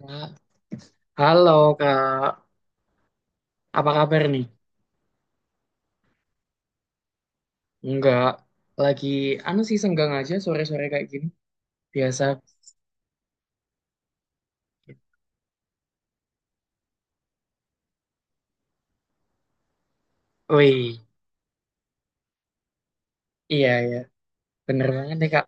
Kak. Halo Kak, apa kabar nih? Enggak, lagi anu sih senggang aja sore-sore kayak gini. Biasa. Wih, iya iya, bener banget nih Kak.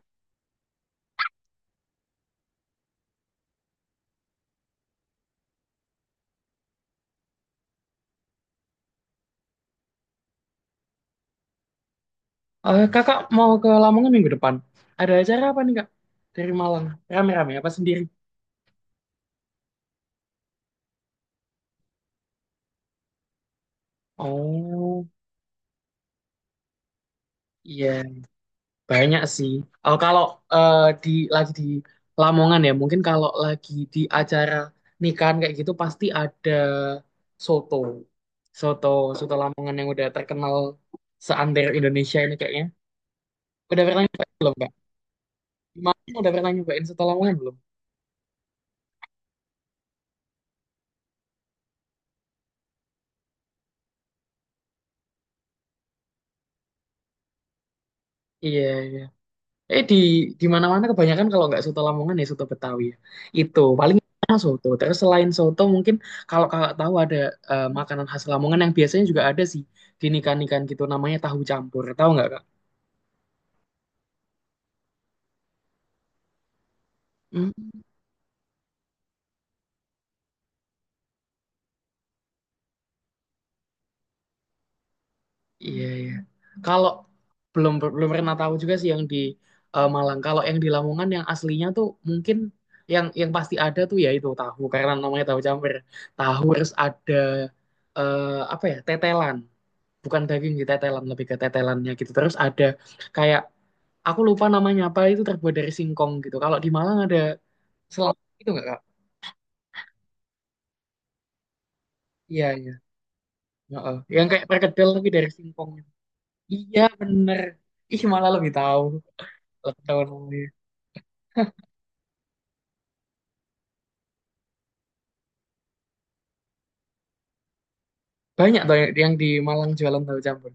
Kakak mau ke Lamongan minggu depan? Ada acara apa nih Kak? Dari Malang, rame-rame apa sendiri? Oh, iya. Banyak sih. Oh, kalau eh, di di Lamongan ya, mungkin kalau lagi di acara nikahan kayak gitu pasti ada soto. Soto, soto Lamongan yang udah terkenal seantero Indonesia ini kayaknya. Udah pernah nyobain belum, Kak? Gimana? Udah pernah nyobain soto Lamongan belum? Iya, Eh di di mana-mana kebanyakan kalau nggak soto Lamongan ya soto Betawi ya. Itu paling enak soto. Terus selain soto mungkin kalau kakak tahu ada makanan khas Lamongan yang biasanya juga ada sih di nikahan-nikahan gitu namanya tahu campur. Tahu nggak kak? Hmm. Iya iya. Kalau belum belum pernah tahu juga sih yang di Malang. Kalau yang di Lamongan yang aslinya tuh mungkin yang pasti ada tuh ya itu tahu karena namanya tahu campur. Tahu harus ada eh, apa ya tetelan. Bukan daging sih tetelan lebih ke tetelannya gitu terus ada kayak aku lupa namanya apa itu terbuat dari singkong gitu kalau di Malang ada selap itu nggak kak. Iya iya. Heeh, yang kayak perkedel tapi dari singkong. Iya bener, ih malah lebih tahu, lebih tahu namanya. Banyak tuh yang di Malang jualan tahu campur.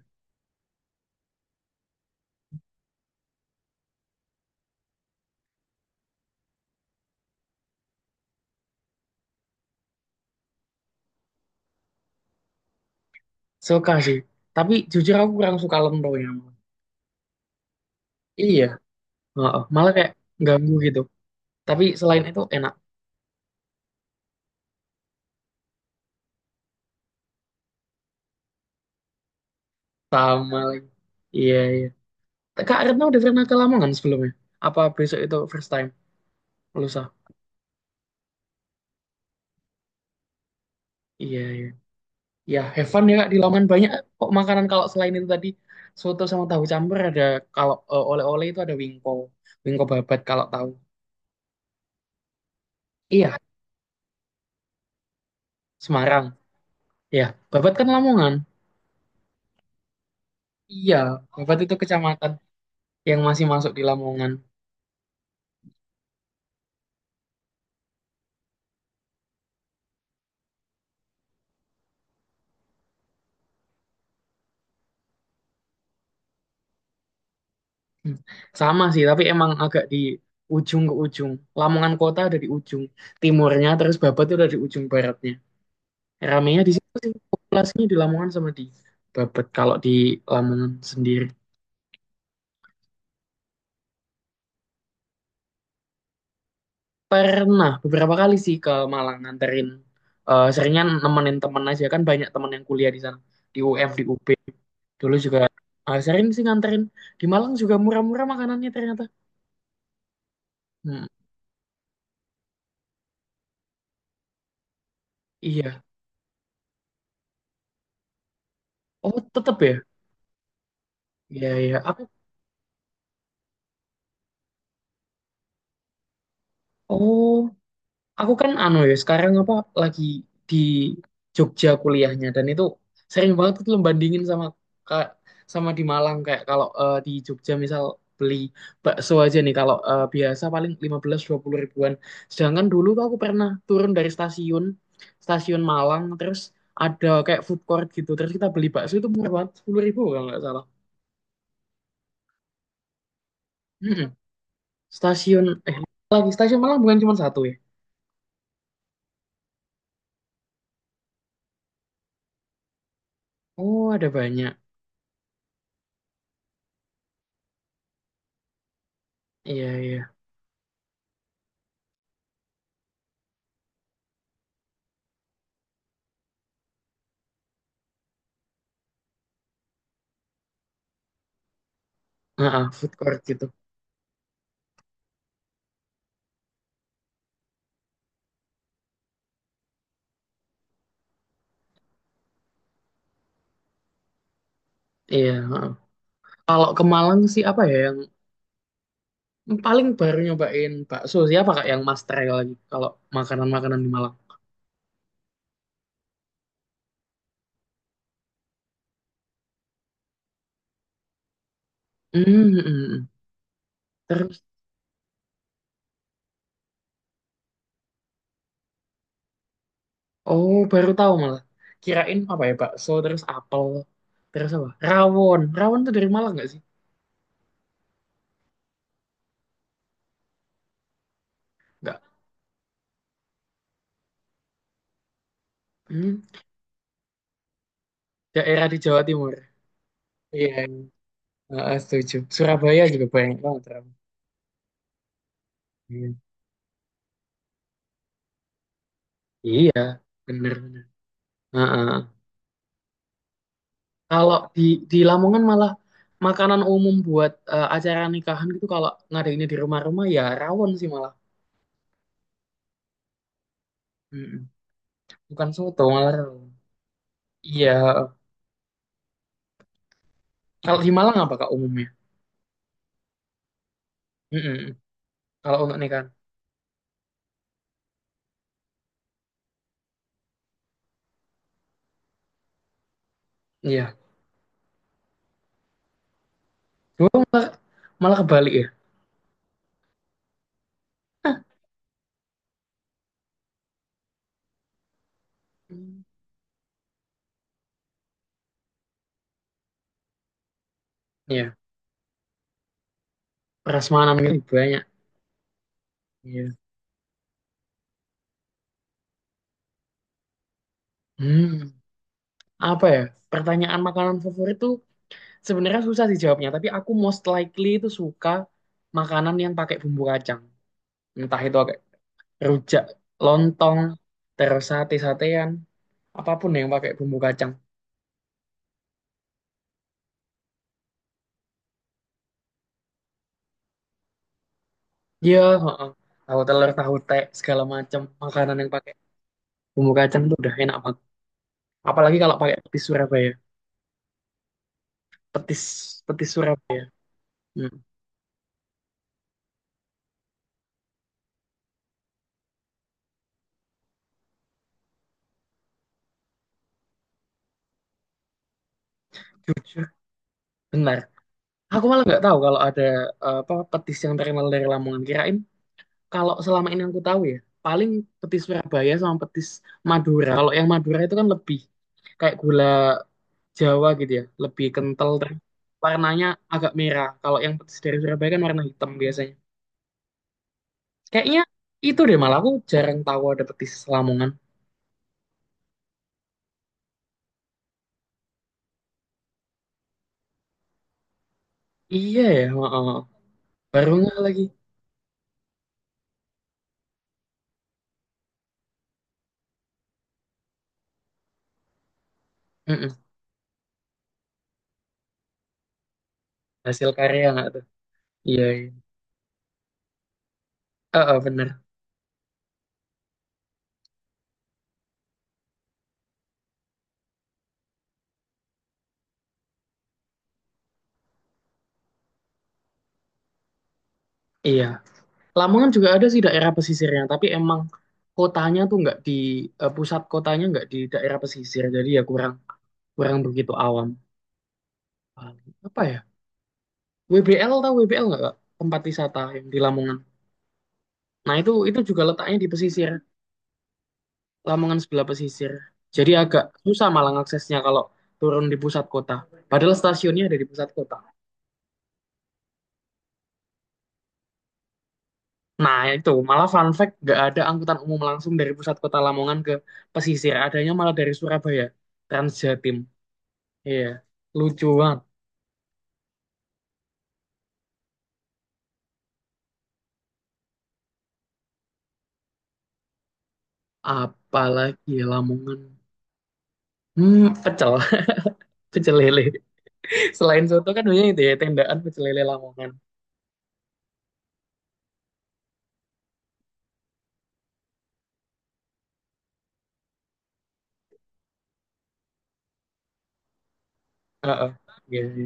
Suka sih, tapi jujur aku kurang suka lentonya. Iya. Heeh, malah kayak ganggu gitu, tapi selain itu enak. Sama lagi. Iya iya. Kak Retno udah pernah ke Lamongan sebelumnya? Apa besok itu first time? Lusa? Iya, iya. Ya, have fun ya Kak. Di Lamongan banyak kok makanan kalau selain itu tadi. Soto sama tahu campur ada, kalau oleh-oleh itu ada wingko. Wingko babat kalau tahu. Iya, Semarang. Iya, babat kan Lamongan. Iya, babat itu kecamatan yang masih masuk di Lamongan. Hmm. Sama sih, tapi emang agak di ujung ke ujung. Lamongan kota ada di ujung timurnya, terus babat itu ada di ujung baratnya. Ramenya di situ sih populasinya di Lamongan sama di Babet. Kalau di Lamongan sendiri pernah beberapa kali sih ke Malang nganterin, seringnya nemenin temen aja kan banyak temen yang kuliah di sana di UM di UB dulu juga, sering sih nganterin di Malang juga murah-murah makanannya ternyata. Hmm, iya. Oh tetep ya. Iya iya. Aku oh, aku kan sekarang apa lagi di Jogja kuliahnya dan itu sering banget tuh lo bandingin sama ka- sama di Malang kayak kalau di Jogja misal beli bakso aja nih kalau biasa paling 15 20 ribuan. Sedangkan dulu tuh aku pernah turun dari stasiun stasiun Malang terus ada kayak food court gitu. Terus kita beli bakso itu murah banget 10 ribu kalau nggak salah. Mm-mm. Stasiun eh lagi stasiun Malang bukan cuma satu ya. Oh, ada banyak. Iya, iya. Heeh, food court gitu. Iya, heeh. Kalau ke Malang sih apa ya yang paling baru nyobain bakso siapa kak yang mas try lagi kalau makanan-makanan di Malang. Hmm, hmm, hmm, hmm. Terus oh, baru tahu malah. Kirain apa ya bakso terus apel terus apa? Rawon. Rawon tuh dari Malang nggak sih? Nggak. Hmm, daerah di Jawa Timur. Iya. Heeh, setuju. Surabaya juga banyak banget rawon. Iya. Iya, bener-bener. Kalau di Lamongan malah makanan umum buat acara nikahan gitu kalau ngadainnya di rumah-rumah ya rawon sih malah. Mm-mm. Bukan soto malah rawon. Iya. Kalau di Malang apa kak umumnya? Mm-mm. Kalau untuk nikahan. Iya. Gua malah, malah kebalik ya. Hmm. Iya. Prasmanan gitu banyak. Iya. Hmm. Apa ya? Pertanyaan makanan favorit tuh sebenarnya susah sih jawabnya. Tapi aku most likely itu suka makanan yang pakai bumbu kacang. Entah itu rujak, lontong, terus sate-satean, apapun yang pakai bumbu kacang. Iya, heeh. Tahu telur, tahu tek, segala macam makanan yang pakai bumbu kacang tuh udah enak banget, apalagi kalau pakai petis Surabaya. Petis petis Surabaya. Hmm. Jujur benar, aku malah nggak tahu kalau ada apa petis yang terkenal dari Lamongan. Kirain kalau selama ini yang aku tahu ya paling petis Surabaya sama petis Madura. Kalau yang Madura itu kan lebih kayak gula Jawa gitu ya, lebih kental dan warnanya agak merah. Kalau yang petis dari Surabaya kan warna hitam biasanya. Kayaknya itu deh, malah aku jarang tahu ada petis Lamongan. Iya ya, heeh. Baru nggak lagi. Mm-mm. Hasil karya nggak tuh? Iya, iya. Heeh, bener. Iya. Lamongan juga ada sih daerah pesisirnya, tapi emang kotanya tuh nggak di eh, pusat kotanya nggak di daerah pesisir, jadi ya kurang kurang begitu awam. Paling apa ya? WBL, tahu WBL nggak, Kak? Tempat wisata yang di Lamongan. Nah itu juga letaknya di pesisir, Lamongan sebelah pesisir. Jadi agak susah malah aksesnya kalau turun di pusat kota. Padahal stasiunnya ada di pusat kota. Nah itu malah fun fact nggak ada angkutan umum langsung dari pusat kota Lamongan ke pesisir. Adanya malah dari Surabaya, Transjatim. Iya, lucu banget. Apalagi ya Lamongan. Hmm, pecel, pecel lele. Selain soto kan banyak itu ya tendaan pecel lele Lamongan. Heeh. Iya, iya.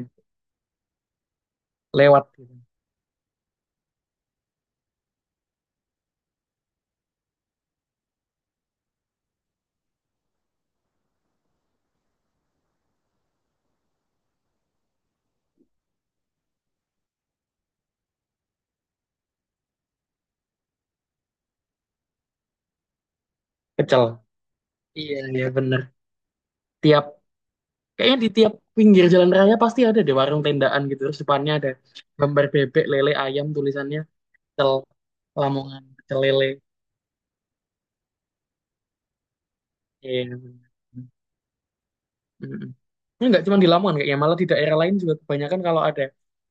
Lewat gitu. Pecel. Iya, iya bener. Tiap Kayaknya di tiap pinggir jalan raya pasti ada deh warung tendaan gitu. Terus depannya ada gambar bebek, lele, ayam, tulisannya pecel Lamongan, pecel lele. Iya, bener. Mm-mm. Ini nggak cuma di Lamongan kayaknya, malah di daerah lain juga kebanyakan kalau ada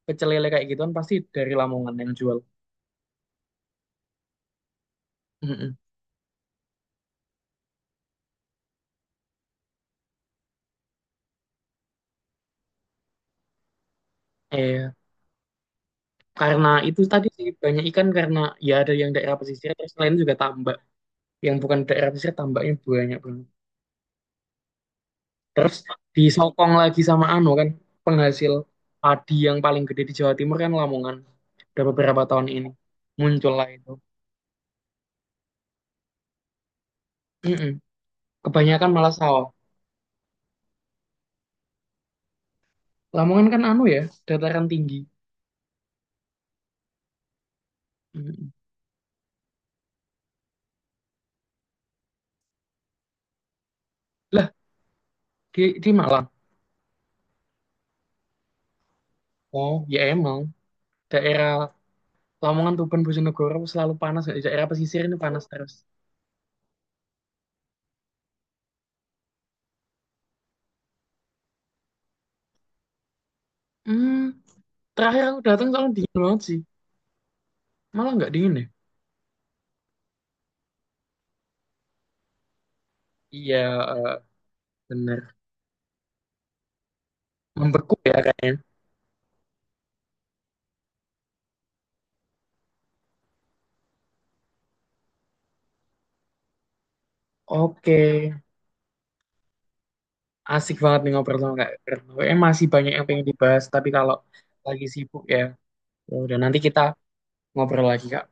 pecel lele kayak gituan pasti dari Lamongan yang jual. Mm-mm. Iya. Karena itu tadi sih banyak ikan karena ya ada yang daerah pesisir terus lain juga tambak. Yang bukan daerah pesisir tambaknya banyak banget. Terus disokong lagi sama anu kan penghasil padi yang paling gede di Jawa Timur kan Lamongan. Udah beberapa tahun ini muncul lah itu. Mm-mm. Kebanyakan malah sawah. Lamongan kan dataran tinggi. Mm-mm. Lah di Malang. Oh ya emang daerah Lamongan, Tuban, Bojonegoro selalu panas. Daerah pesisir ini panas terus. Hmm, terakhir aku datang soalnya dingin banget sih. Malah nggak dingin ya. Iya, eh, bener. Membeku ya kayaknya. Oke. Asik banget nih ngobrol sama Kak Retno. Masih banyak yang pengen dibahas, tapi kalau lagi sibuk ya. Ya udah nanti kita ngobrol lagi Kak.